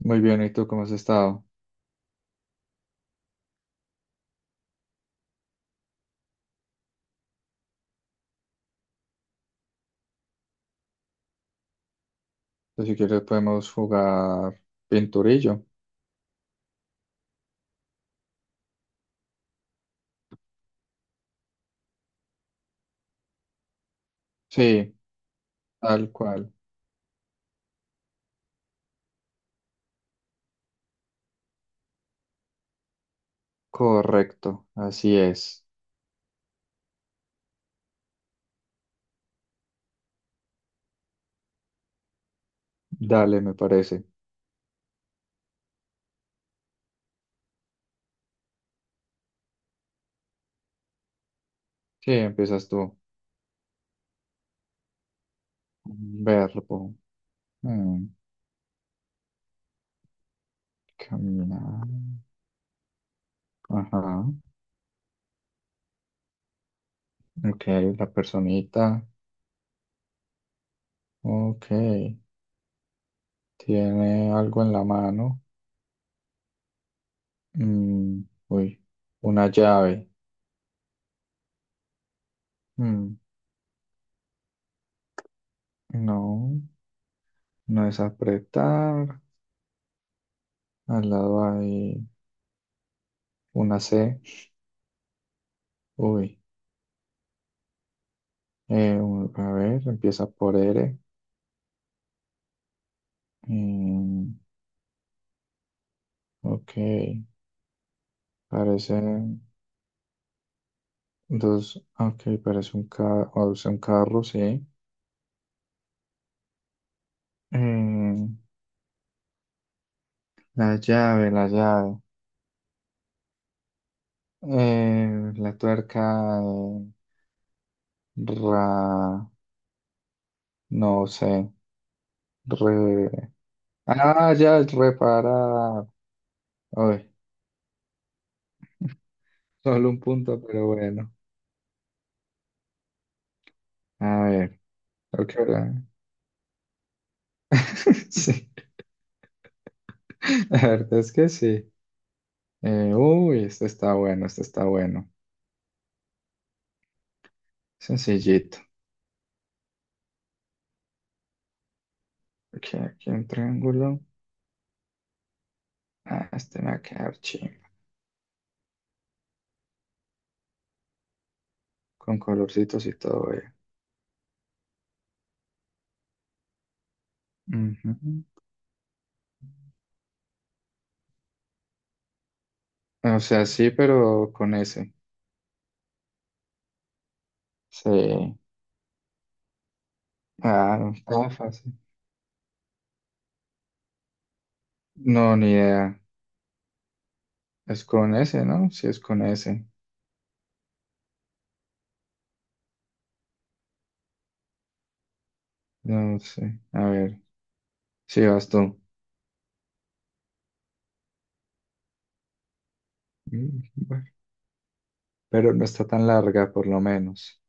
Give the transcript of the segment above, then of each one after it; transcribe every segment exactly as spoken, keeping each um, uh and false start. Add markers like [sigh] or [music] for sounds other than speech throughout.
Muy bien, ¿y tú cómo has estado? Pues, si quieres podemos jugar pinturillo. Sí, tal cual. Correcto, así es. Dale, me parece. Sí, empiezas tú. Verbo. Mm, caminar. Ajá. Ok, la personita. Ok. Tiene algo en la mano. Mm, uy, una llave. Mm, no, no es apretar. Al lado hay una C. Uy. Eh, un- a ver, empieza por R. Mm, ok, parece dos. Ok, parece un, ca- o sea, un carro, sí. Eh, la llave, la llave. Eh, la tuerca. eh, ra, no sé. Re, ah, ya es reparar. Uy, solo un punto, pero bueno. A ver, creo que ahora. [laughs] Sí, la verdad es que sí. Eh, uy, este está bueno, este está bueno. Sencillito. Aquí, aquí un triángulo. Ah, este me va a quedar chimba. Con colorcitos y todo, eh. Ujú. O sea, sí, pero con ese. Sí. Ah, no, estaba fácil. No, ni idea. Es con ese, ¿no? Sí, es con ese. No sé. A ver. Sí, vas tú. Mm, bueno. Pero no está tan larga, por lo menos.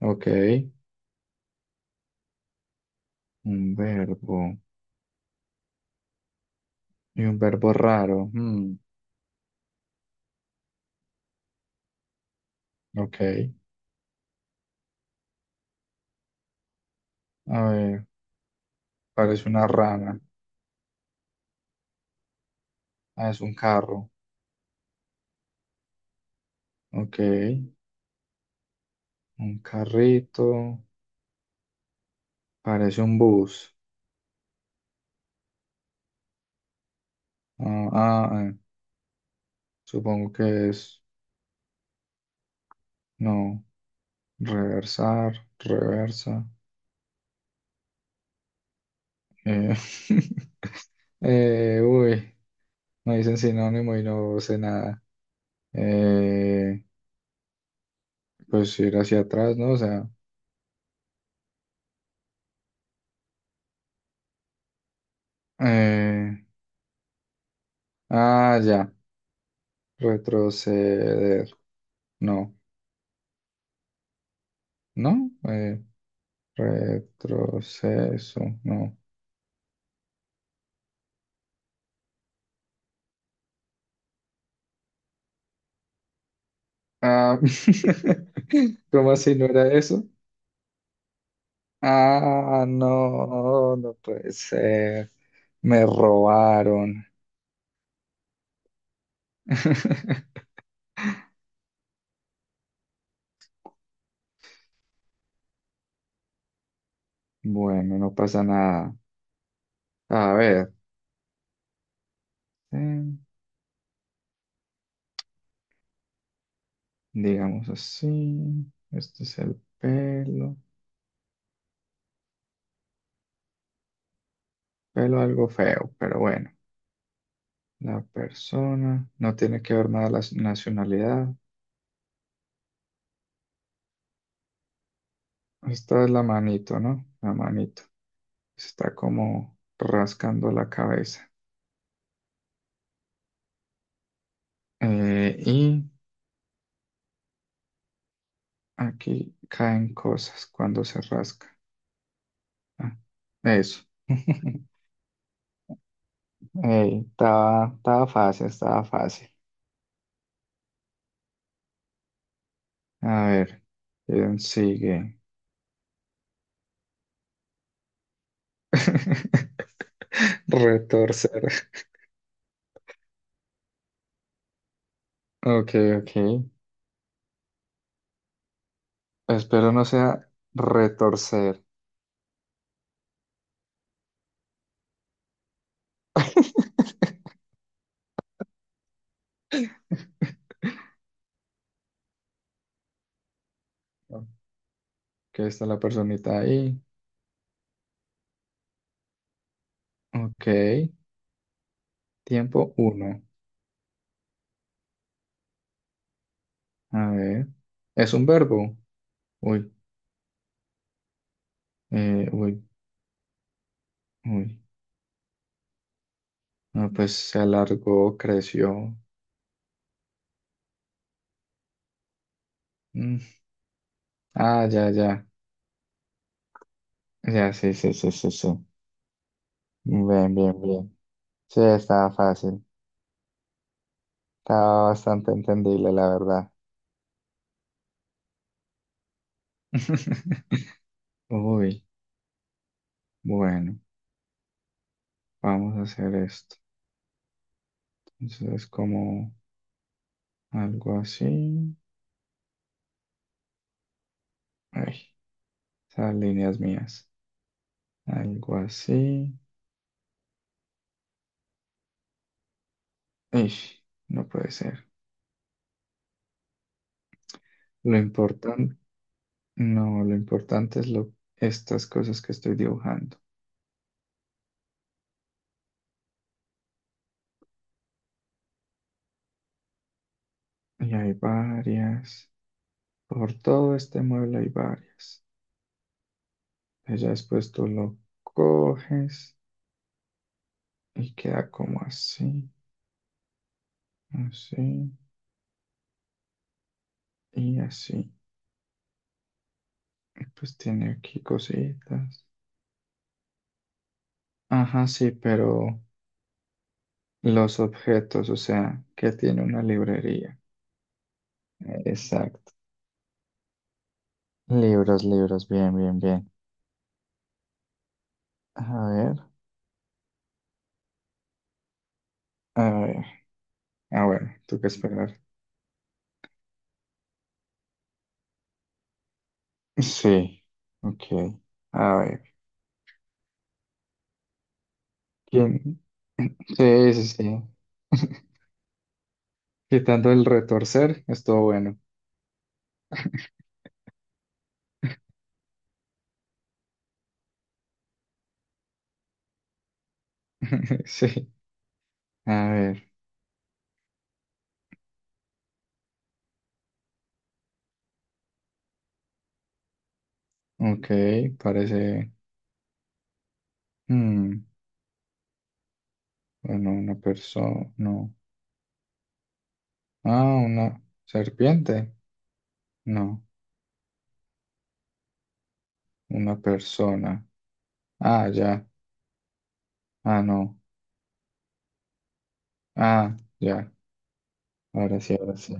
Ok. Un verbo. Y un verbo raro. Mm, ok. A ver. Parece una rana. Ah, es un carro. Ok. Un carrito. Parece un bus. Ah, ah, ah, supongo que es. No. Reversar. Reversa. Eh, [laughs] eh, uy. Me dicen sinónimo y no sé nada. Eh, pues ir hacia atrás, ¿no? O sea. eh, ah, ya. Retroceder. No. ¿No? Eh, retroceso. No. Ah, [laughs] ¿cómo así no era eso? Ah, no, no puede ser. Me robaron. [laughs] Bueno, no pasa nada. A ver, eh, digamos así. Este es el pelo. Pelo algo feo, pero bueno. La persona. No tiene que ver nada la s- nacionalidad. Esta es la manito, ¿no? La manito. Está como rascando la cabeza. Eh, Aquí caen cosas cuando se rasca. Ah, eso. [laughs] Ey, estaba, estaba fácil, estaba fácil. A ver, ¿quién sigue? [laughs] Retorcer. Ok, ok. Espero no sea retorcer. [laughs] Que está la personita ahí. Ok. Tiempo uno. A ver. ¿Es un verbo? Uy, eh, uy, uy. No, pues se alargó, creció. Mm. Ah, ya, ya. Ya, sí, sí, sí, sí, sí. Bien, bien, bien. Sí, estaba fácil. Estaba bastante entendible, la verdad. [laughs] Uy, bueno, vamos a hacer esto. Entonces, como algo así. Ay, esas líneas mías. Algo así. Ish, no puede ser. Lo importante, no, lo importante es lo, estas cosas que estoy dibujando. Y hay varias. Por todo este mueble hay varias. Ella después tú lo coges y queda como así, así y así. Y pues tiene aquí cositas. Ajá, sí, pero los objetos, o sea, que tiene una librería. Exacto. Libros, libros, bien, bien, bien. A ver, a ver. Ah, bueno, tú que esperar. Sí, ok. A ver, ¿quién? Sí, sí, sí. [laughs] Quitando el retorcer, estuvo bueno. [laughs] Sí. A ver, ok, parece. Mm, bueno, una persona. No. Ah, una serpiente. No, una persona. Ah, ya. Ah, no. Ah, ya. Ahora sí, ahora sí.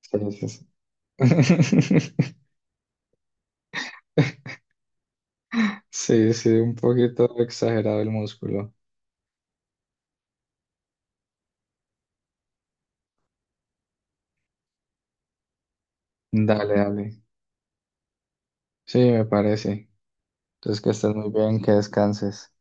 Sí, sí, sí. [laughs] Sí, sí, un poquito exagerado el músculo. Dale, dale. Sí, me parece. Entonces que estés muy bien, que descanses.